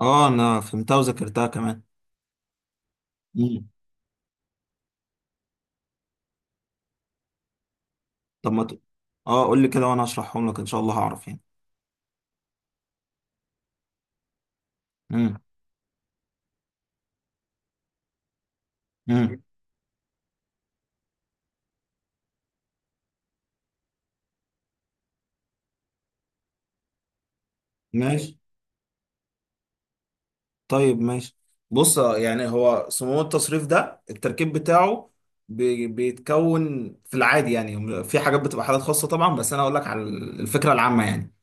اه، انا فهمتها وذاكرتها كمان. مم. طب ما ت... اه، قول لي كده وانا هشرحهم لك ان شاء الله هعرف يعني. مم. مم. ماشي. طيب ماشي. بص، يعني هو صمام التصريف ده التركيب بتاعه بيتكون في العادي، يعني في حاجات بتبقى حالات خاصة طبعا، بس انا اقول لك على الفكرة العامة يعني.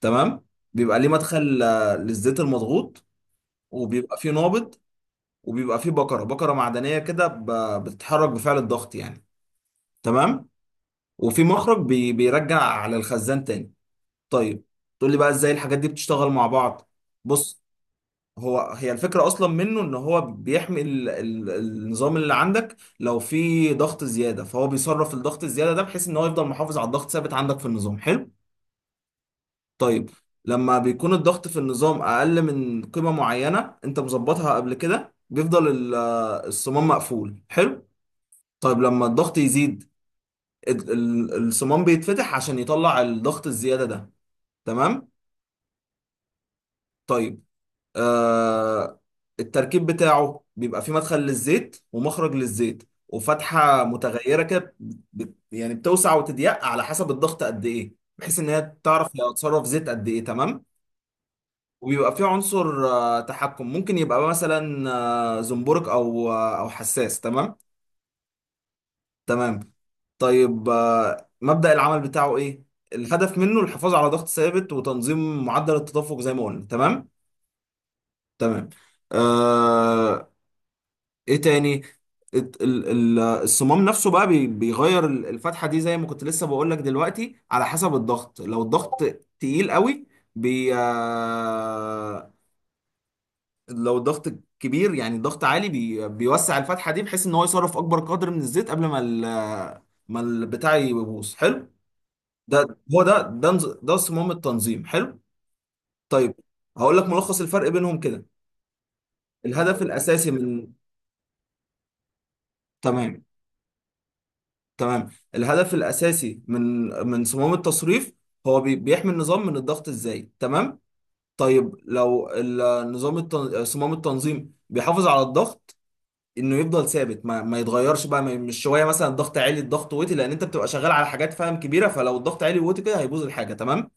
تمام. بيبقى ليه مدخل للزيت المضغوط، وبيبقى فيه نابض، وبيبقى فيه بكرة معدنية كده بتتحرك بفعل الضغط يعني. تمام. وفي مخرج بيرجع على الخزان تاني. طيب تقول لي بقى ازاي الحاجات دي بتشتغل مع بعض؟ بص، هي الفكرة أصلا منه إن هو بيحمي ال النظام اللي عندك. لو في ضغط زيادة، فهو بيصرف الضغط الزيادة ده بحيث إن هو يفضل محافظ على الضغط ثابت عندك في النظام. حلو. طيب لما بيكون الضغط في النظام أقل من قيمة معينة أنت مظبطها قبل كده بيفضل الصمام مقفول. حلو. طيب لما الضغط يزيد، الصمام بيتفتح عشان يطلع الضغط الزيادة ده. تمام. طيب آه التركيب بتاعه بيبقى فيه مدخل للزيت ومخرج للزيت وفتحة متغيرة كده. يعني بتوسع وتضيق على حسب الضغط قد ايه، بحيث ان هي تعرف هي هتصرف زيت قد ايه. تمام. وبيبقى فيه عنصر تحكم ممكن يبقى مثلا زنبرك او حساس. تمام. تمام. طيب مبدأ العمل بتاعه ايه؟ الهدف منه الحفاظ على ضغط ثابت وتنظيم معدل التدفق، زي ما قلنا. تمام. تمام. آه... ايه تاني؟ الصمام نفسه بقى بيغير الفتحة دي زي ما كنت لسه بقول لك دلوقتي، على حسب الضغط. لو الضغط تقيل قوي، بي آه... لو الضغط كبير، يعني الضغط عالي، بيوسع الفتحة دي بحيث ان هو يصرف اكبر قدر من الزيت قبل ما البتاع يبوظ. حلو. ده هو ده ده نز- ده صمام التنظيم. حلو. طيب هقول لك ملخص الفرق بينهم كده. الهدف الاساسي من تمام. تمام. الهدف الأساسي من صمام التصريف هو بيحمي النظام من الضغط الزايد. تمام. طيب صمام التنظيم بيحافظ على الضغط انه يفضل ثابت، ما يتغيرش بقى. ما... مش شويه مثلا الضغط عالي، الضغط واطي. لان انت بتبقى شغال على حاجات فاهم كبيره، فلو الضغط عالي واطي كده هيبوظ الحاجه. تمام.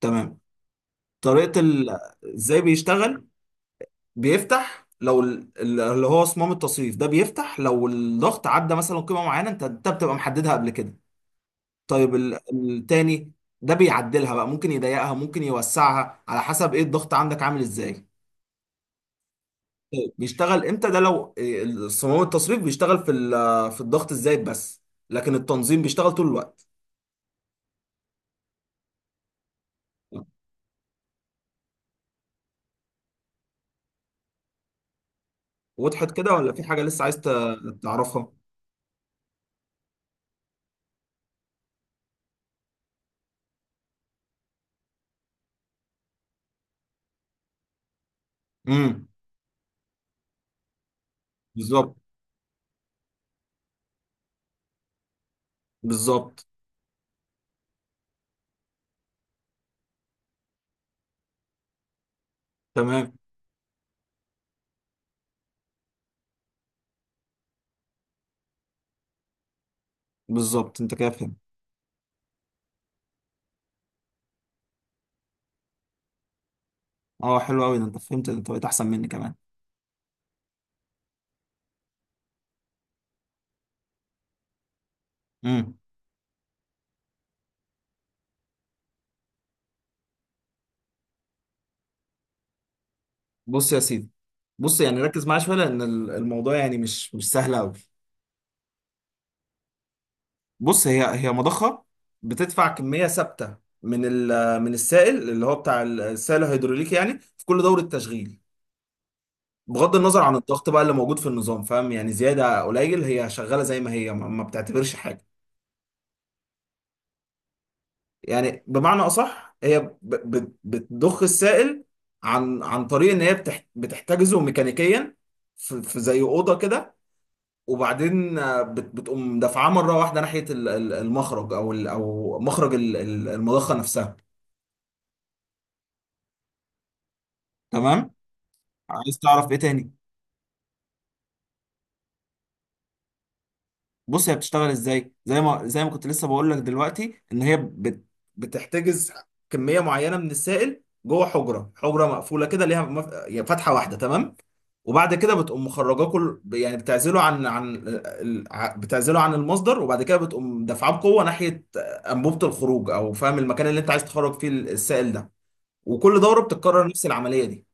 تمام. طريقه ال... ازاي بيشتغل؟ بيفتح لو اللي هو صمام التصريف ده بيفتح لو الضغط عدى مثلا قيمه معينه انت بتبقى محددها قبل كده. طيب التاني ده بيعدلها بقى، ممكن يضيقها ممكن يوسعها على حسب ايه الضغط عندك عامل ازاي. بيشتغل امتى ده؟ لو صمام التصريف بيشتغل في في الضغط الزايد بس، لكن التنظيم بيشتغل طول الوقت. وضحت كده، ولا في حاجة لسه عايز تعرفها؟ امم. بالظبط. بالظبط. تمام. بالظبط، انت كده فهمت. اه حلو قوي. ده انت فهمت، ده انت بقيت احسن مني كمان. امم. بص يا سيدي، بص يعني ركز معايا شويه لان الموضوع يعني مش سهل قوي. بص، هي مضخه بتدفع كميه ثابته من السائل اللي هو بتاع السائل الهيدروليكي، يعني في كل دوره تشغيل، بغض النظر عن الضغط بقى اللي موجود في النظام، فاهم؟ يعني زياده قليل هي شغاله زي ما هي، ما بتعتبرش حاجه. يعني بمعنى اصح هي بتضخ السائل عن طريق ان هي بتحتجزه ميكانيكيا في في زي اوضه كده، وبعدين بتقوم دافعاه مره واحده ناحيه المخرج او مخرج المضخه نفسها. تمام. عايز تعرف ايه تاني؟ بص هي بتشتغل ازاي، زي ما كنت لسه بقول لك دلوقتي، ان هي بتحتجز كميه معينه من السائل جوه حجره مقفوله كده ليها يعني فتحه واحده. تمام. وبعد كده بتقوم مخرجاه كل، يعني بتعزله عن عن ال- ع- بتعزله عن المصدر، وبعد كده بتقوم دافعاه بقوه ناحيه انبوبه الخروج، او فاهم المكان اللي انت عايز تخرج فيه السائل ده. وكل دوره بتتكرر نفس العمليه دي.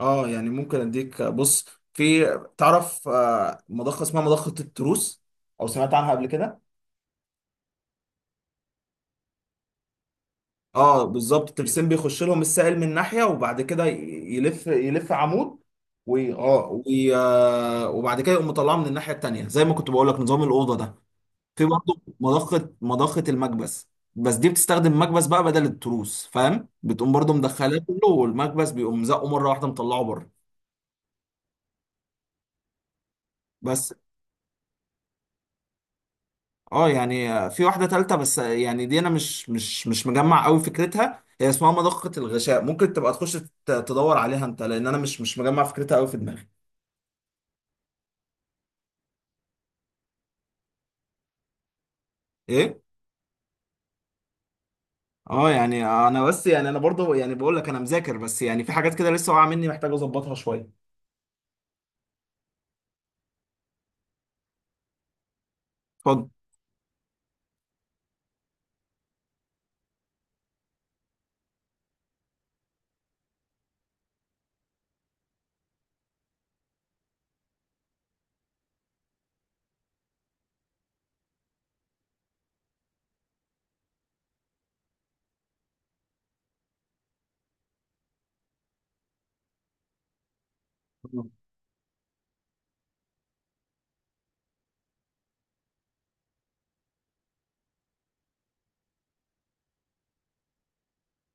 اه، يعني ممكن اديك. بص في، تعرف مضخه اسمها مضخه التروس، او سمعت عنها قبل كده؟ اه بالظبط. الترسين بيخش لهم السائل من ناحيه، وبعد كده يلف، عمود، وي... اه وي... آه، وبعد كده يقوم مطلعه من الناحيه التانيه زي ما كنت بقول لك نظام الاوضه ده. في برضه مضخه المكبس، بس دي بتستخدم مكبس بقى بدل التروس، فاهم؟ بتقوم برضه مدخلاه كله والمكبس بيقوم زقه مره واحده مطلعه بره. بس اه يعني في واحدة تالتة، بس يعني دي انا مش مجمع قوي فكرتها، هي اسمها مضخة الغشاء، ممكن تبقى تخش تدور عليها انت، لان انا مش مجمع فكرتها قوي في دماغي. ايه؟ اه يعني انا بس، يعني انا برضو يعني بقول لك انا مذاكر، بس يعني في حاجات كده لسه واقعة مني محتاج اظبطها شوية. اتفضل.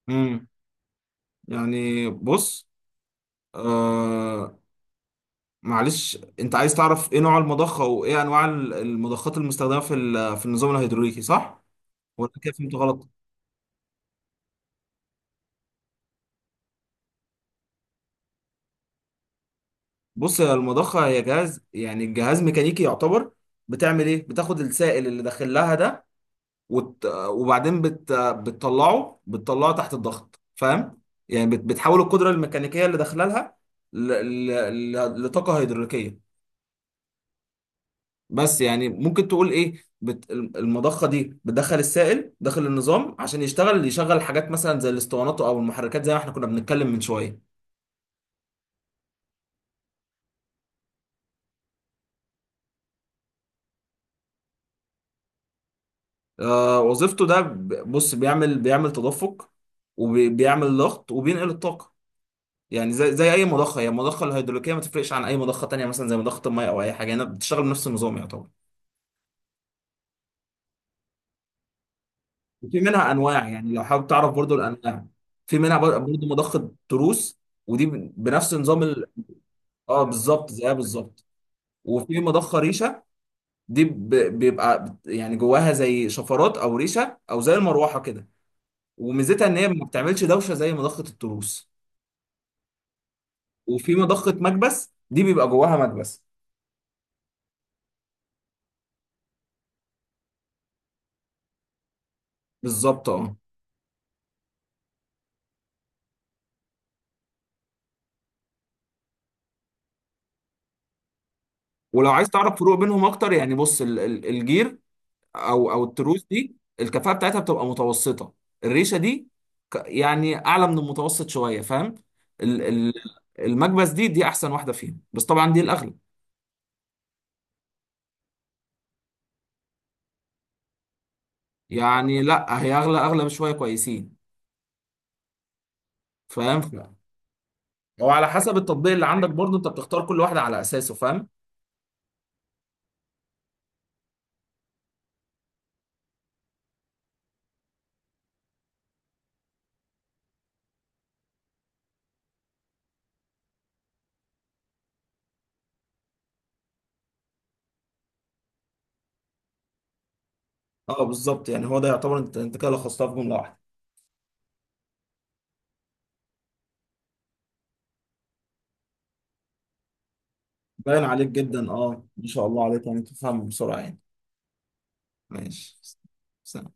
امم. يعني بص آه معلش، انت عايز تعرف ايه نوع المضخة وايه انواع المضخات المستخدمة في في النظام الهيدروليكي، صح ولا كده فهمت غلط؟ بص يا، المضخة هي جهاز، يعني الجهاز ميكانيكي يعتبر. بتعمل ايه؟ بتاخد السائل اللي داخل لها ده، بتطلعه، تحت الضغط، فاهم؟ يعني بتحول القدرة الميكانيكية اللي داخلها لها ل... لطاقة هيدروليكية. بس يعني ممكن تقول ايه، المضخة دي بتدخل السائل داخل النظام عشان يشغل حاجات مثلا زي الاسطوانات او المحركات زي ما احنا كنا بنتكلم من شوية. وظيفته ده بص بيعمل، تدفق، وبيعمل ضغط، وبينقل الطاقة. يعني زي أي مضخة. هي المضخة الهيدروليكية ما تفرقش عن أي مضخة تانية، مثلا زي مضخة المية أو أي حاجة، هنا بتشتغل بنفس النظام يعتبر. وفي منها أنواع، يعني لو حابب تعرف برضو الأنواع. في منها برضو مضخة تروس، ودي بنفس نظام اه بالظبط، زيها بالظبط. وفي مضخة ريشة، دي يعني جواها زي شفرات أو ريشة أو زي المروحة كده، وميزتها إن هي ما بتعملش دوشة زي مضخة التروس. وفي مضخة مكبس دي بيبقى جواها مكبس. بالظبط اه. ولو عايز تعرف فروق بينهم اكتر يعني، بص الجير او التروس دي الكفاءة بتاعتها بتبقى متوسطة. الريشة دي يعني اعلى من المتوسط شوية، فاهم؟ ال- ال- المكبس دي احسن واحدة فيهم، بس طبعا دي الاغلى. يعني لا هي اغلى، اغلى بشوية كويسين، فاهم؟ هو على حسب التطبيق اللي عندك برضه انت بتختار كل واحدة على اساسه، فاهم؟ اه بالظبط، يعني هو ده يعتبر. انت كده لخصتها في جملة واحدة. باين عليك جدا، اه، ما شاء الله عليك، يعني تفهم بسرعة يعني. ماشي. سلام.